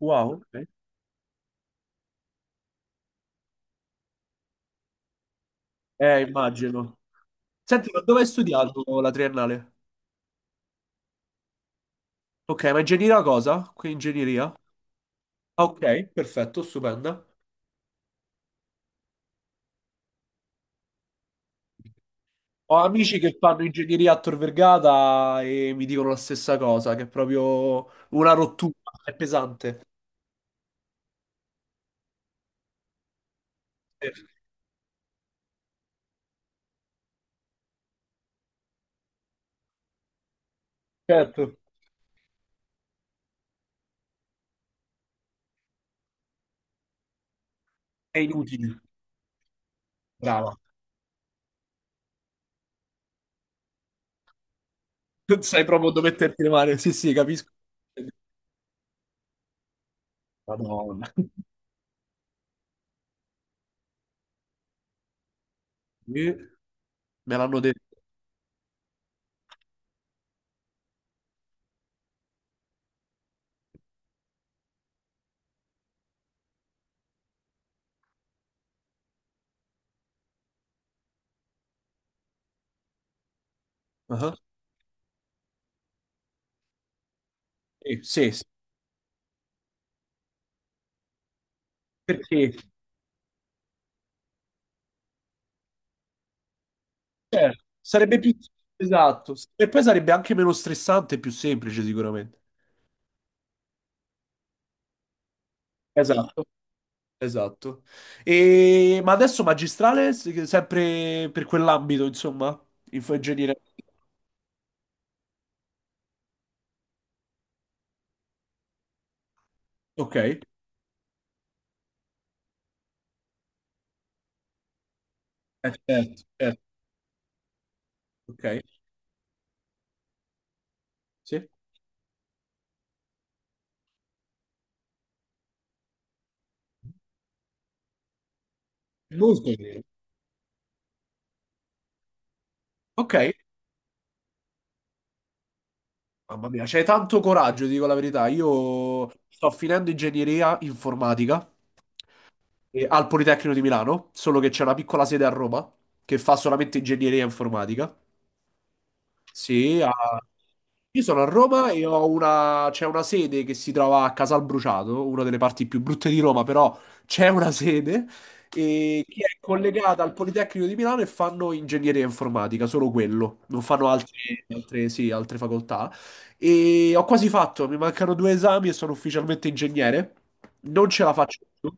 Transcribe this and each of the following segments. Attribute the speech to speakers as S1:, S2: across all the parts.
S1: Wow, ok. Immagino. Senti, ma dove hai studiato la triennale? Ok, ma ingegneria cosa? Qui ingegneria? Ah, ok, perfetto, stupenda. Ho amici che fanno ingegneria a Tor Vergata e mi dicono la stessa cosa, che è proprio una rottura, è pesante. Eh, Certo, è inutile. Brava. Non sai proprio dove metterti le mani. Sì, sì, capisco. Madonna. Eh, Me l'hanno detto. Ah, sì, sì, sì. Perché? Sarebbe più esatto. E poi sarebbe anche meno stressante e più semplice, sicuramente. Esatto, esatto. E... Ma adesso magistrale, sempre per quell'ambito, insomma, infoingegneria. Ok, certo, certo. Ok, sì. Molto bene. Ok, mamma mia, c'hai tanto coraggio, ti dico la verità. Io sto finendo ingegneria informatica al Politecnico di Milano, solo che c'è una piccola sede a Roma che fa solamente ingegneria informatica. Sì, io sono a Roma e ho una... C'è una sede che si trova a Casalbruciato, una delle parti più brutte di Roma, però c'è una sede e che è collegata al Politecnico di Milano e fanno ingegneria informatica, solo quello, non fanno sì, altre facoltà. E ho quasi fatto, mi mancano due esami e sono ufficialmente ingegnere. Non ce la faccio più.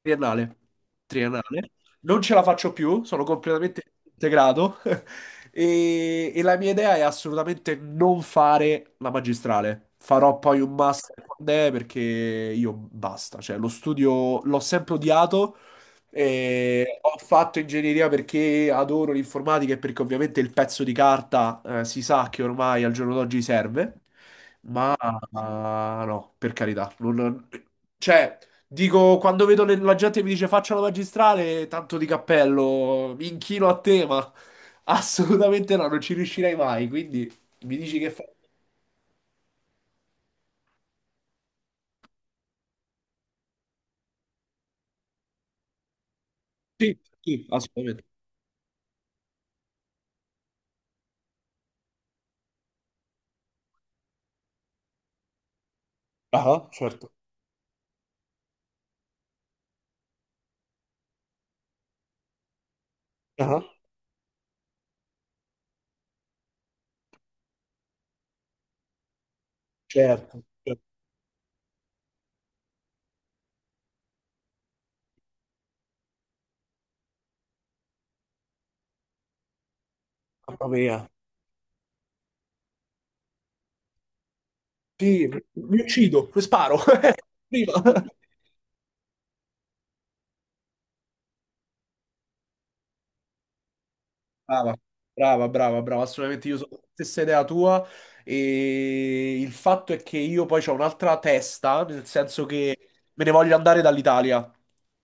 S1: Triennale, triennale. Non ce la faccio più, sono completamente integrato e la mia idea è assolutamente non fare la magistrale. Farò poi un master quando è perché io basta, cioè lo studio l'ho sempre odiato. E ho fatto ingegneria perché adoro l'informatica e perché ovviamente il pezzo di carta, si sa che ormai al giorno d'oggi serve. Ah, no, per carità. Cioè, dico, quando vedo la gente che mi dice faccia la magistrale, tanto di cappello, mi inchino a te, ma assolutamente no, non ci riuscirei mai. Quindi mi dici che fa... Sì, sì, assolutamente. Ah, certo. Ah, certo, certo. Mamma mia. Sì, mi uccido, sparo. Prima. Brava, brava, brava, brava, assolutamente io sono la stessa idea tua e il fatto è che io poi ho un'altra testa, nel senso che me ne voglio andare dall'Italia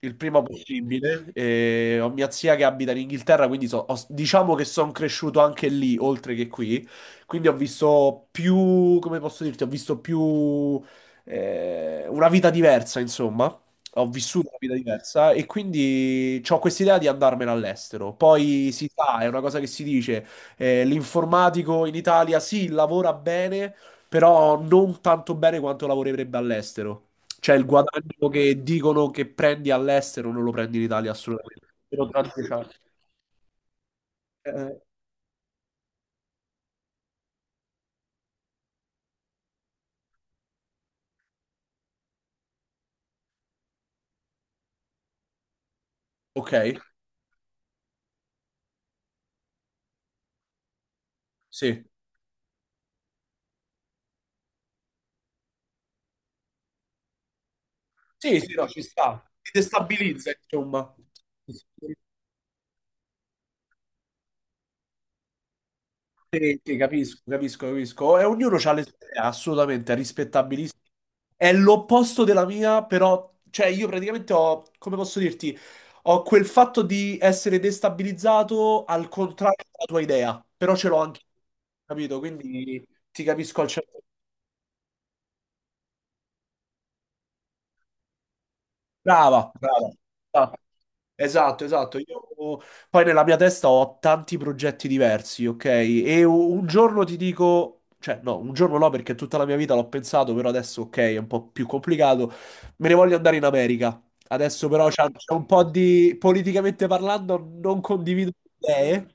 S1: il prima possibile. E ho mia zia che abita in Inghilterra, quindi diciamo che sono cresciuto anche lì, oltre che qui, quindi ho visto più, come posso dirti, ho visto più una vita diversa, insomma, ho vissuto una vita diversa e quindi ho quest'idea di andarmene all'estero. Poi si sa, è una cosa che si dice, l'informatico in Italia sì, lavora bene, però non tanto bene quanto lavorerebbe all'estero. Cioè il guadagno che dicono che prendi all'estero non lo prendi in Italia assolutamente. Però tra 10 anni- eh, ok, sì. Sì, sì, no, ci sta. Ti destabilizza, insomma. Sì, sì, capisco, capisco, capisco. E ognuno ha le sue idee, assolutamente, è rispettabilissimo. È l'opposto della mia, però, cioè io praticamente ho, come posso dirti, ho quel fatto di essere destabilizzato al contrario della tua idea, però ce l'ho anche, capito? Quindi ti capisco al 100%. Brava, brava. Ah, esatto, esatto. Io poi nella mia testa ho tanti progetti diversi, ok? E un giorno ti dico, cioè no, un giorno no perché tutta la mia vita l'ho pensato, però adesso ok, è un po' più complicato. Me ne voglio andare in America. Adesso però c'è un po' di, politicamente parlando, non condivido le idee.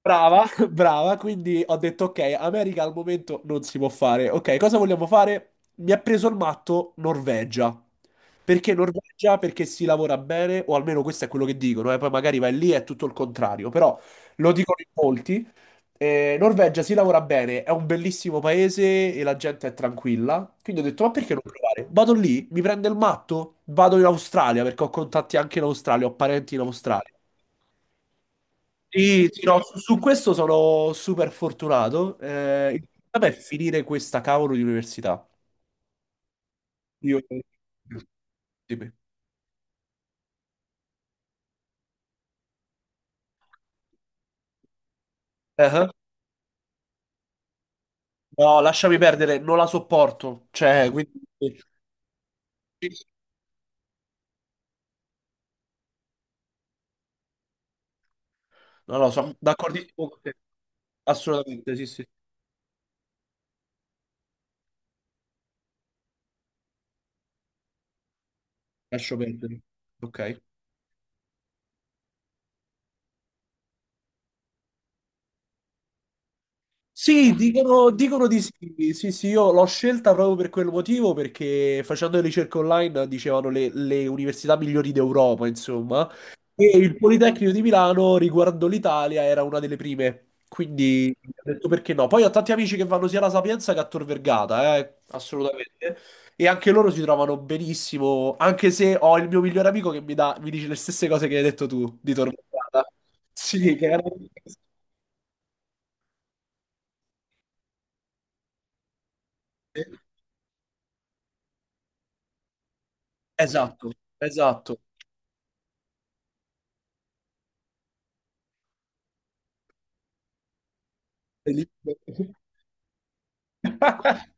S1: Brava, brava, quindi ho detto ok, America al momento non si può fare. Ok, cosa vogliamo fare? Mi ha preso il matto Norvegia. Perché Norvegia? Perché si lavora bene, o almeno questo è quello che dicono, poi magari vai lì e è tutto il contrario, però lo dicono in molti. Norvegia si lavora bene, è un bellissimo paese e la gente è tranquilla. Quindi ho detto, ma perché non provare? Vado lì, mi prende il matto, vado in Australia perché ho contatti anche in Australia, ho parenti in Australia. Sì, sì, no, su questo sono super fortunato. Il problema è finire questa cavolo di università. Io... Dimmi. Eh? No, lasciami perdere, non la sopporto. Cioè, quindi... sì. No, no, sono d'accordissimo con te. Assolutamente, sì, sì, lascio perdere. Ok. Sì, dicono, dicono di sì. Sì, sì, io l'ho scelta proprio per quel motivo, perché facendo le ricerche online dicevano le università migliori d'Europa, insomma. E il Politecnico di Milano, riguardo l'Italia, era una delle prime. Quindi ho detto perché no. Poi ho tanti amici che vanno sia alla Sapienza che a Tor Vergata, assolutamente. E anche loro si trovano benissimo, anche se ho il mio migliore amico che mi dice le stesse cose che hai detto tu di Tor Vergata. Sì, che era... Esatto, esatto. Libero.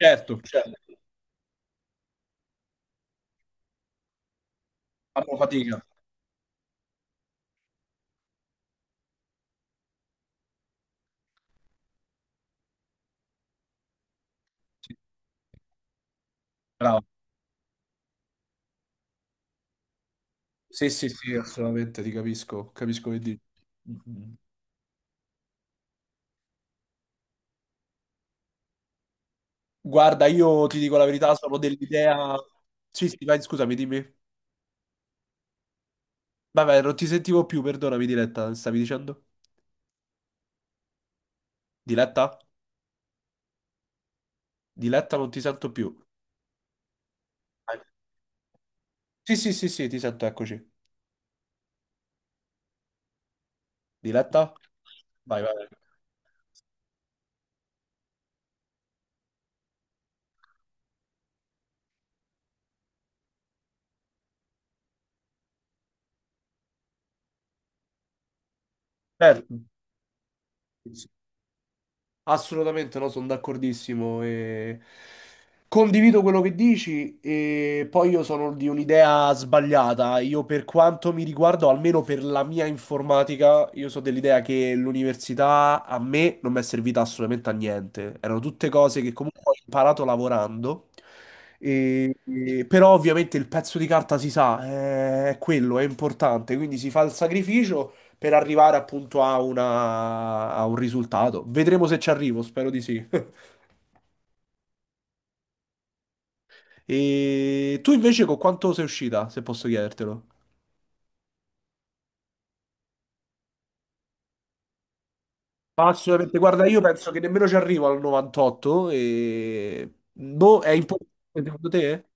S1: Certo, certo, fanno fatica. Sì, bravo. Sì, sì, sì, assolutamente, ti capisco, capisco che dici. Mm. Guarda, io ti dico la verità, sono dell'idea... Sì, sì, vai, scusami, dimmi. Vabbè, non ti sentivo più, perdonami, Diletta, stavi dicendo? Diletta? Diletta, non ti sento più. Vai. Sì, sì, sì, sì, ti sento, eccoci. Diletta? Vai, vai. Certo. Assolutamente no, sono d'accordissimo e condivido quello che dici e poi io sono di un'idea sbagliata. Io per quanto mi riguardo, almeno per la mia informatica, io sono dell'idea che l'università a me non mi è servita assolutamente a niente. Erano tutte cose che comunque ho imparato lavorando. Però ovviamente il pezzo di carta si sa, è quello, è importante, quindi si fa il sacrificio per arrivare appunto a un risultato. Vedremo se ci arrivo, spero di sì. E tu invece con quanto sei uscita, se posso chiedertelo? Ma assolutamente, guarda, io penso che nemmeno ci arrivo al 98 e... Boh, è importante secondo te?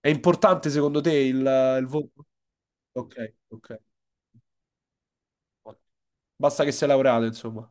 S1: È importante secondo te il voto? Ok, ok. Basta che sei laureato, insomma.